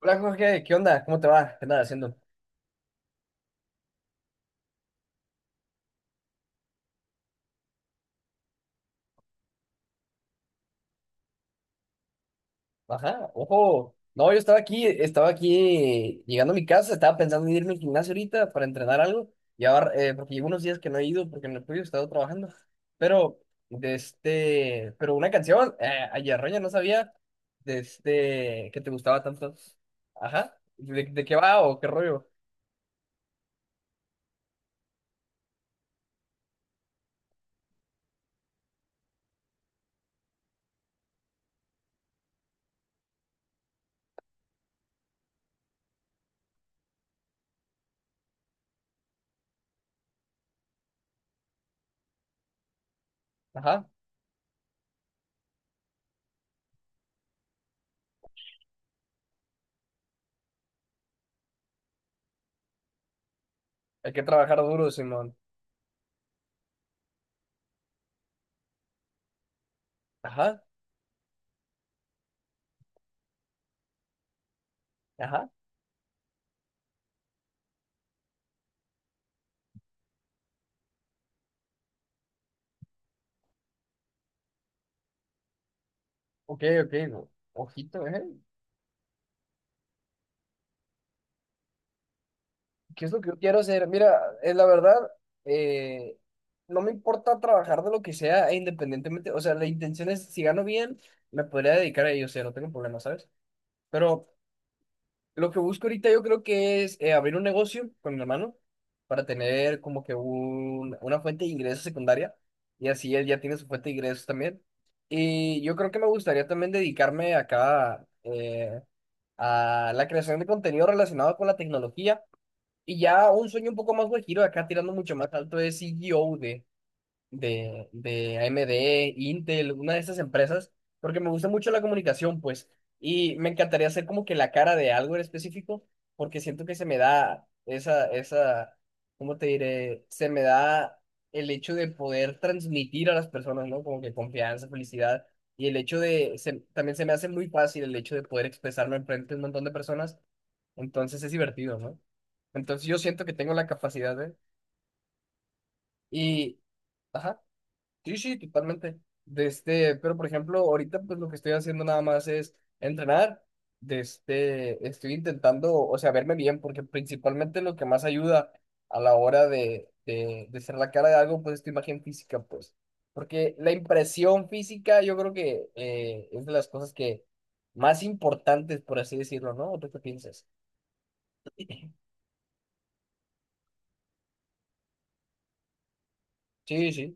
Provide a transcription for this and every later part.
Hola Jorge, ¿qué onda? ¿Cómo te va? ¿Qué andas haciendo? Ajá, ojo. No, yo estaba aquí llegando a mi casa, estaba pensando en irme al gimnasio ahorita para entrenar algo. Y ahora, porque llevo unos días que no he ido porque en el tuyo he estado trabajando. Pero, pero una canción, ayer Roña no sabía, que te gustaba tanto. Ajá, ¿de qué va o qué rollo? Ajá, hay que trabajar duro, Simón. Ajá, ajá, ok, ok, no, ojito, ¿eh? ¿Qué es lo que yo quiero hacer? Mira, es la verdad, eh, no me importa trabajar de lo que sea, e independientemente, o sea, la intención es, si gano bien, me podría dedicar a ello. O sea, no tengo problema, ¿sabes? Pero lo que busco ahorita yo creo que es, abrir un negocio con mi hermano para tener como que una fuente de ingresos secundaria, y así él ya tiene su fuente de ingresos también. Y yo creo que me gustaría también dedicarme acá, a la creación de contenido relacionado con la tecnología. Y ya un sueño un poco más guajiro, acá tirando mucho más alto, es CEO. De, de AMD. Intel, una de esas empresas, porque me gusta mucho la comunicación, pues, y me encantaría ser como que la cara de algo en específico, porque siento que se me da esa, ¿cómo te diré? Se me da el hecho de poder transmitir a las personas, ¿no? Como que confianza, felicidad, y el hecho de, también se me hace muy fácil el hecho de poder expresarlo enfrente de un montón de personas. Entonces es divertido, ¿no? Entonces yo siento que tengo la capacidad de. Y, ajá, sí, sí, totalmente. Pero por ejemplo, ahorita pues lo que estoy haciendo nada más es entrenar. Estoy intentando, o sea, verme bien, porque principalmente lo que más ayuda a la hora de, de ser la cara de algo, pues es tu imagen física, pues. Porque la impresión física yo creo que, es de las cosas que más importantes, por así decirlo, ¿no? ¿O tú qué piensas? Sí, sí,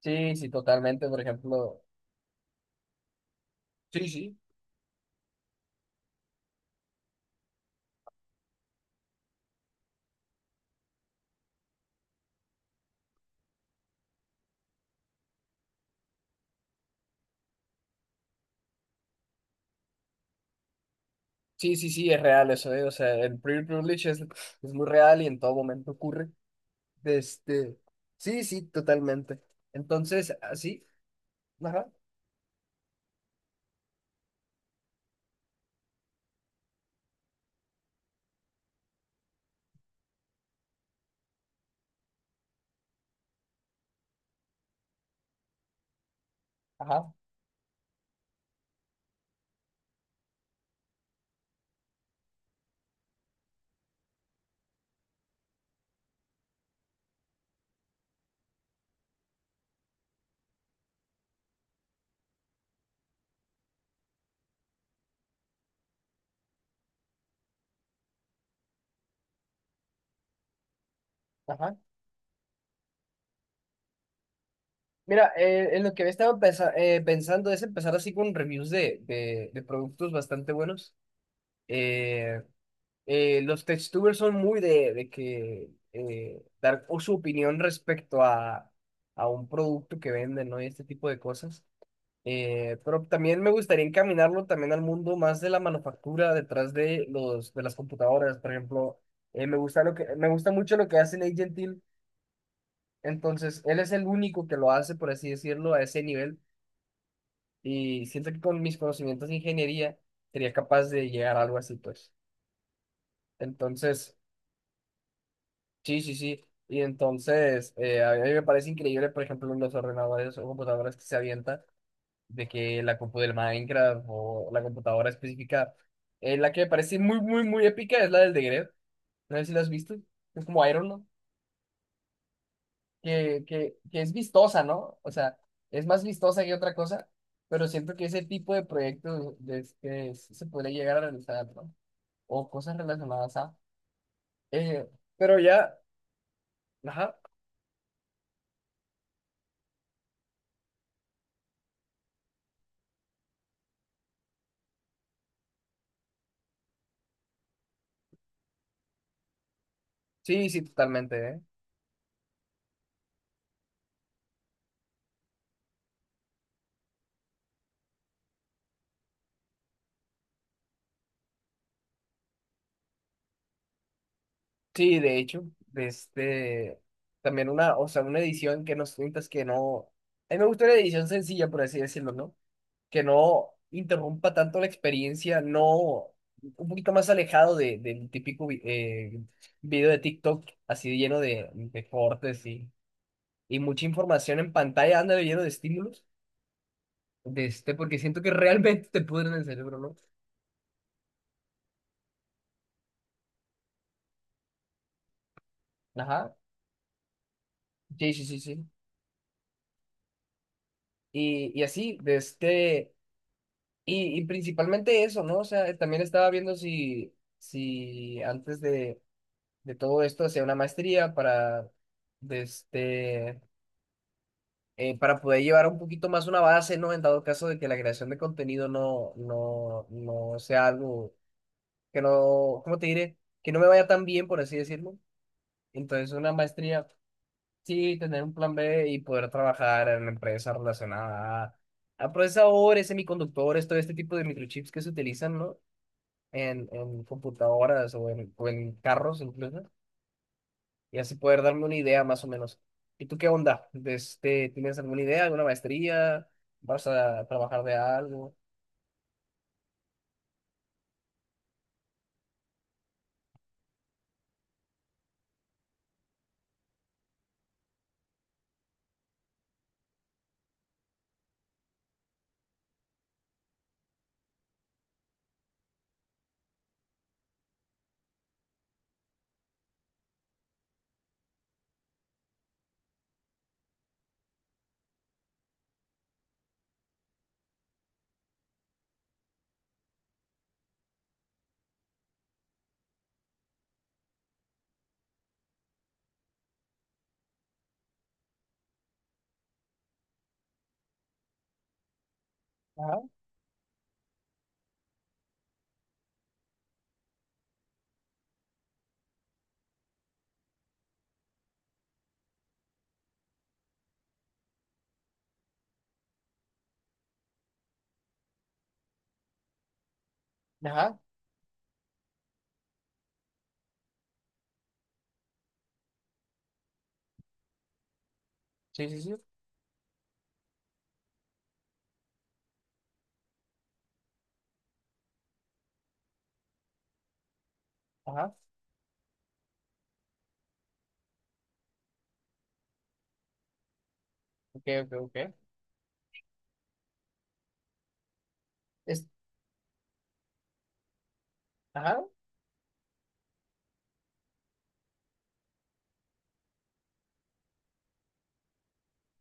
sí, sí, totalmente, por ejemplo. Sí, sí. Sí, sí, sí, es real eso, ¿eh? O sea, el privilege es muy real y en todo momento ocurre. Este, sí, sí, totalmente. Entonces, así, ajá, ajá, ajá. Mira, en lo que había estado pensando es empezar así con reviews de, de productos bastante buenos. Eh, los textubers son muy de, de que dar su opinión respecto a un producto que venden, ¿no? Y este tipo de cosas. Pero también me gustaría encaminarlo también al mundo más de la manufactura detrás de los de las computadoras, por ejemplo. Me gusta mucho lo que hace Nate Gentil, entonces él es el único que lo hace, por así decirlo, a ese nivel, y siento que con mis conocimientos de ingeniería sería capaz de llegar a algo así, pues. Entonces, sí, sí, sí. Y entonces, a mí me parece increíble, por ejemplo, los ordenadores o computadoras que se avientan, de que la compu del Minecraft o la computadora específica, la que me parece muy, muy, muy épica es la del de Grefg. No sé si la has visto. Es como Iron Man, que es vistosa, ¿no? O sea, es más vistosa que otra cosa, pero siento que ese tipo de proyectos que se podría llegar a realizar, ¿no? O cosas relacionadas a. eh, pero ya, ajá, sí, sí, totalmente, ¿eh? Sí, de hecho, también una, o sea, una edición que nos cuentas que no, a mí me gusta una edición sencilla, por así decirlo, ¿no? Que no interrumpa tanto la experiencia, no, un poquito más alejado de, del típico video de TikTok, así lleno de cortes y mucha información en pantalla, anda lleno de estímulos, porque siento que realmente te pudren el cerebro, ¿no? Ajá, sí, sí, sí, sí. Y así. Y principalmente eso, ¿no? O sea, también estaba viendo si antes de todo esto hacía una maestría de este, para poder llevar un poquito más una base, ¿no? En dado caso de que la creación de contenido no, no, no sea algo que no, ¿cómo te diré? Que no me vaya tan bien, por así decirlo. Entonces, una maestría, sí, tener un plan B y poder trabajar en una empresa relacionada a procesadores, semiconductores, todo este tipo de microchips que se utilizan, ¿no? En computadoras, o en carros incluso, y así poder darme una idea más o menos. ¿Y tú qué onda? ¿Tienes alguna idea, alguna maestría? ¿Vas a trabajar de algo? Ajá, ajá, sí, sí, sí, ajá, ok, ok, ok. Es, ajá,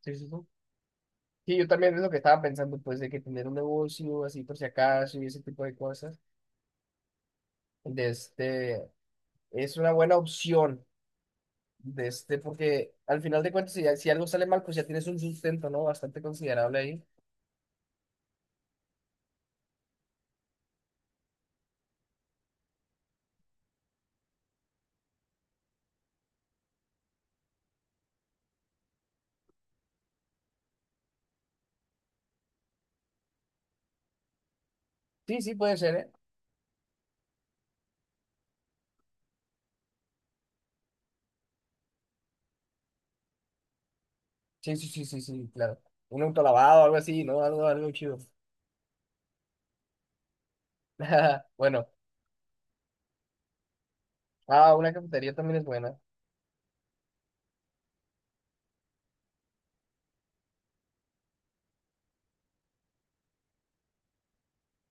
sí, sí, sí. Sí, yo también es lo que estaba pensando, pues, de que tener un negocio así por si acaso y ese tipo de cosas, de este, es una buena opción, porque al final de cuentas, si algo sale mal, pues ya tienes un sustento, ¿no? Bastante considerable ahí. Sí, sí, puede ser, ¿eh? Sí, sí, sí, sí, sí, claro. Un auto lavado, algo así, ¿no? Algo, algo chido. Bueno, ah, una cafetería también es buena.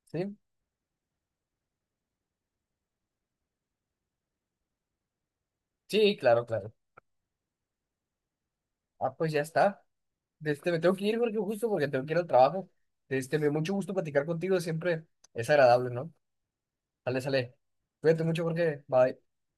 Sí, sí, claro, claro. Ah, pues ya está. Me tengo que ir porque justo porque tengo que ir al trabajo. Me dio mucho gusto platicar contigo, siempre es agradable, ¿no? Sale, sale. Cuídate mucho, Jorge. Bye.